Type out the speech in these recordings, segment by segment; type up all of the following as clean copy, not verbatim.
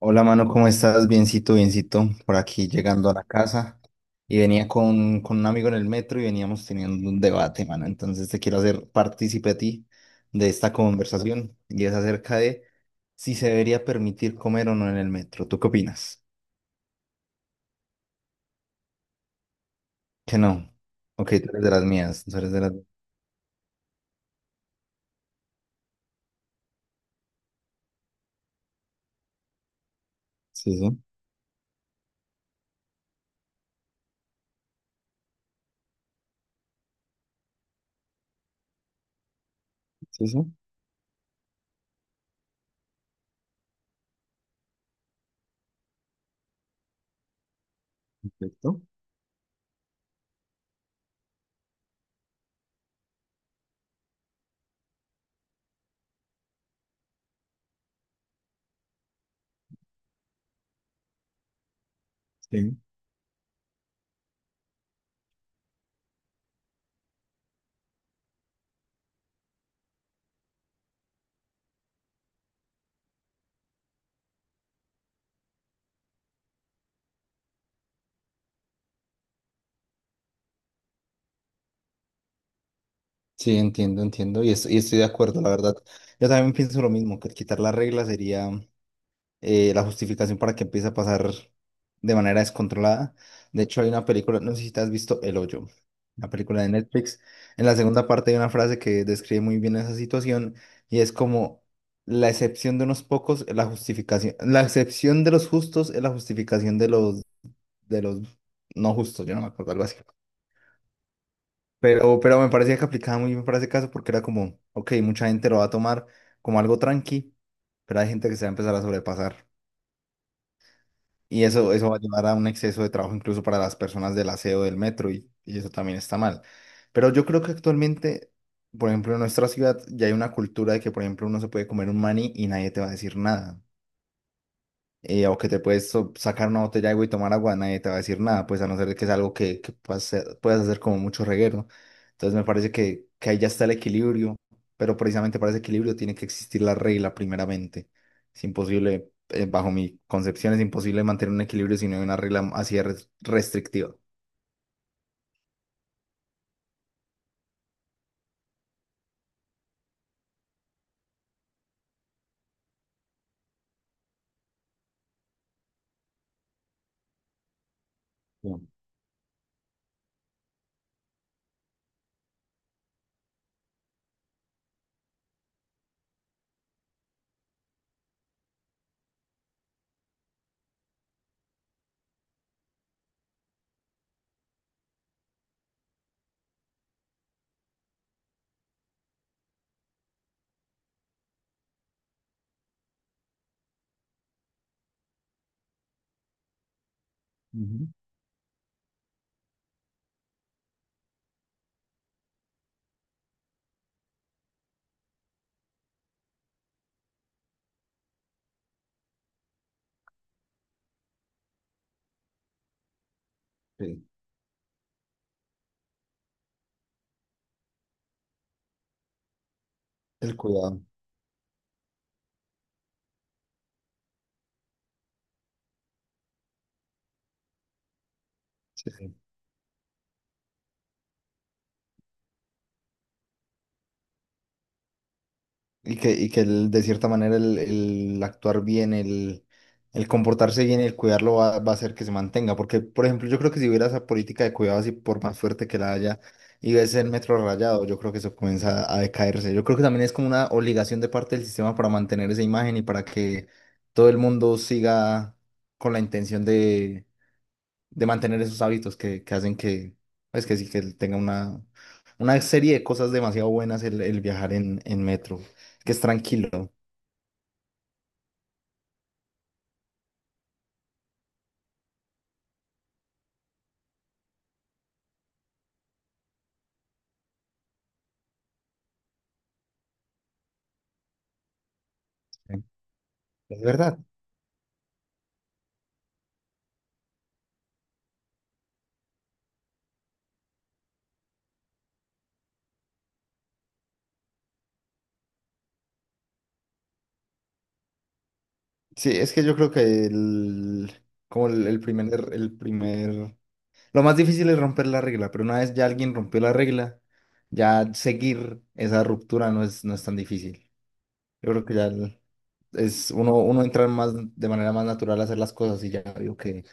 Hola, mano, ¿cómo estás? Biencito, biencito, por aquí llegando a la casa. Y venía con un amigo en el metro y veníamos teniendo un debate, mano. Entonces te quiero hacer partícipe a ti de esta conversación y es acerca de si se debería permitir comer o no en el metro. ¿Tú qué opinas? Que no. Ok, tú eres de las mías, tú eres de las... Sí, sí, sí, sí, perfecto. Sí. Sí, entiendo, entiendo y y estoy de acuerdo, la verdad. Yo también pienso lo mismo, que el quitar la regla sería... la justificación para que empiece a pasar de manera descontrolada. De hecho, hay una película, no sé si te has visto El Hoyo, una película de Netflix. En la segunda parte hay una frase que describe muy bien esa situación y es como la excepción de unos pocos es la justificación, la excepción de los justos es la justificación de los no justos, yo no me acuerdo algo así. Pero me parecía que aplicaba muy bien para ese caso porque era como, ok, mucha gente lo va a tomar como algo tranqui, pero hay gente que se va a empezar a sobrepasar. Y eso va a llevar a un exceso de trabajo incluso para las personas del aseo del metro y eso también está mal. Pero yo creo que actualmente, por ejemplo, en nuestra ciudad ya hay una cultura de que, por ejemplo, uno se puede comer un maní y nadie te va a decir nada, o que te puedes sacar una botella de agua y tomar agua, nadie te va a decir nada, pues a no ser de que es algo que puedas hacer como mucho reguero, ¿no? Entonces me parece que ahí ya está el equilibrio, pero precisamente para ese equilibrio tiene que existir la regla primeramente. Es imposible, bajo mi concepción, es imposible mantener un equilibrio si no hay una regla así de restrictiva. Bien. Ujú. Sí. El cuidado. Sí, sí. Y que de cierta manera el actuar bien, el comportarse bien y el cuidarlo va a hacer que se mantenga. Porque, por ejemplo, yo creo que si hubiera esa política de cuidado así, por más fuerte que la haya, y ves el metro rayado, yo creo que eso comienza a decaerse. Yo creo que también es como una obligación de parte del sistema para mantener esa imagen y para que todo el mundo siga con la intención de mantener esos hábitos que hacen que, pues que sí, que él tenga una serie de cosas demasiado buenas el viajar en metro, que es tranquilo. Sí, es verdad. Sí, es que yo creo que el, como el primer, lo más difícil es romper la regla, pero una vez ya alguien rompió la regla, ya seguir esa ruptura no es, no es tan difícil. Yo creo que ya uno entra más de manera más natural a hacer las cosas y ya veo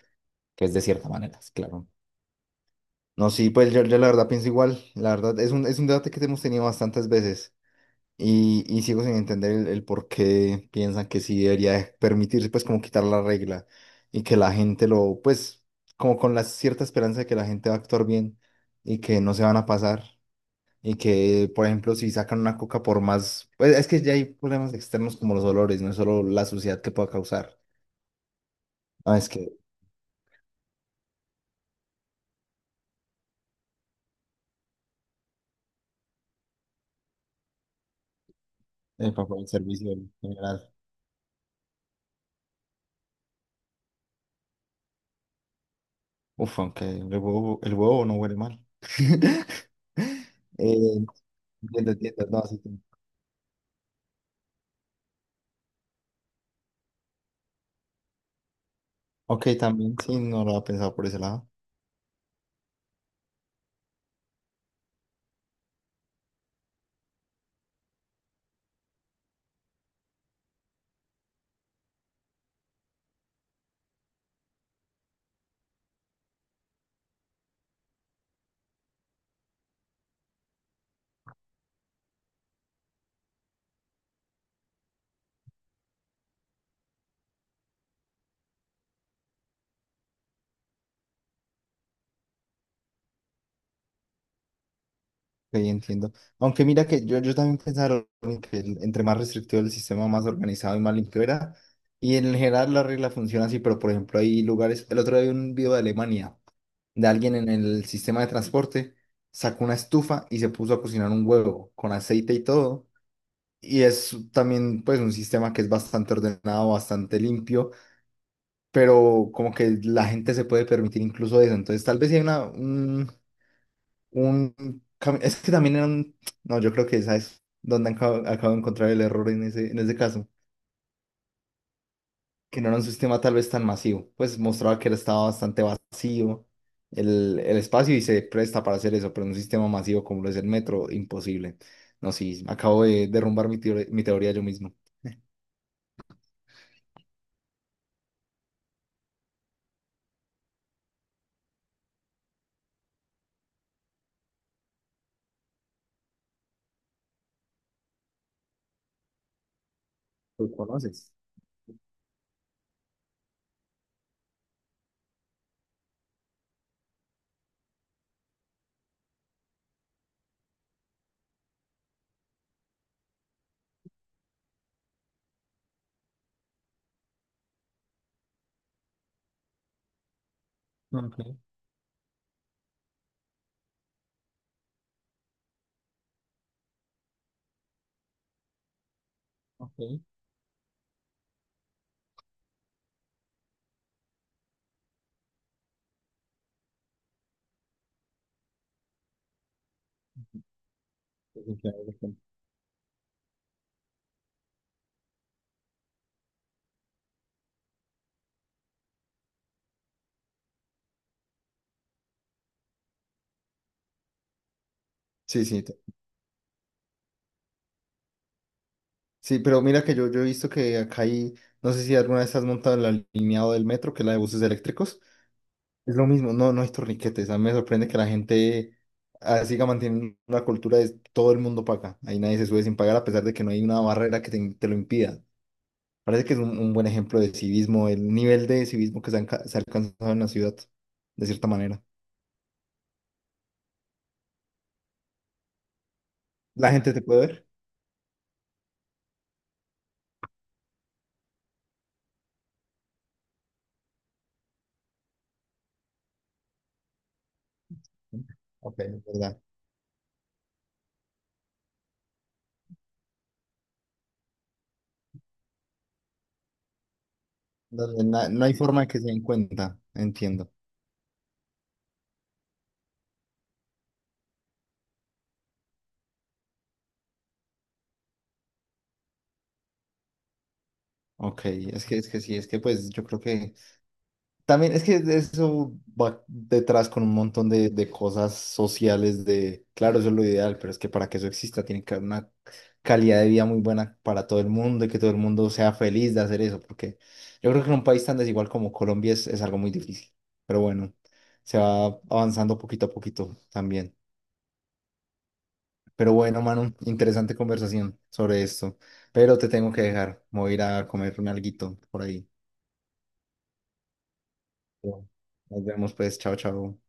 que es de cierta manera, claro. No, sí, pues yo la verdad pienso igual. La verdad es un debate que hemos tenido bastantes veces y sigo sin entender el por qué piensan que sí debería permitirse, pues, como quitar la regla y que la gente lo, pues, como con la cierta esperanza de que la gente va a actuar bien y que no se van a pasar y que, por ejemplo, si sacan una coca por más, pues, es que ya hay problemas externos como los olores, no es solo la suciedad que pueda causar. No, es que, para el servicio en general. Uf, aunque el huevo no huele mal. Eh, entiendo, entiendo. No, sí, sí. Ok, también sí, no lo había pensado por ese lado. Ok, entiendo. Aunque mira que yo también pensaba en que entre más restrictivo el sistema, más organizado y más limpio era. Y en general la regla funciona así, pero por ejemplo hay lugares, el otro día vi un video de Alemania, de alguien en el sistema de transporte, sacó una estufa y se puso a cocinar un huevo con aceite y todo. Y es también pues un sistema que es bastante ordenado, bastante limpio, pero como que la gente se puede permitir incluso eso. Entonces tal vez sí hay una, un cami- es que también era un... No, yo creo que esa es donde acabo de encontrar el error en ese caso, que no era un sistema tal vez tan masivo, pues mostraba que estaba bastante vacío el espacio y se presta para hacer eso, pero en un sistema masivo como lo es el metro, imposible. No, sí, acabo de derrumbar mi teoría yo mismo. ¿Lo conoces? Ok, ok. Sí, claro, claro. Sí, sí, te- sí, pero mira que yo he visto que acá hay, no sé si alguna vez has montado el alineado del metro, que es la de buses eléctricos, es lo mismo, no, no hay torniquetes, a mí me sorprende que la gente ah, siga manteniendo una cultura de todo el mundo paga, ahí nadie se sube sin pagar a pesar de que no hay una barrera que te lo impida. Parece que es un buen ejemplo de civismo, el nivel de civismo que se ha alcanzado en la ciudad, de cierta manera. ¿La gente te puede ver? Ok, es verdad. No, no no hay forma de que se den cuenta, entiendo. Ok, es que sí, es que pues yo creo que también es que eso va detrás con un montón de cosas sociales de, claro, eso es lo ideal, pero es que para que eso exista tiene que haber una calidad de vida muy buena para todo el mundo y que todo el mundo sea feliz de hacer eso, porque yo creo que en un país tan desigual como Colombia es algo muy difícil, pero bueno, se va avanzando poquito a poquito también. Pero bueno, Manu, interesante conversación sobre esto, pero te tengo que dejar, me voy a ir a comerme alguito por ahí. Nos vemos pues, chao, chao.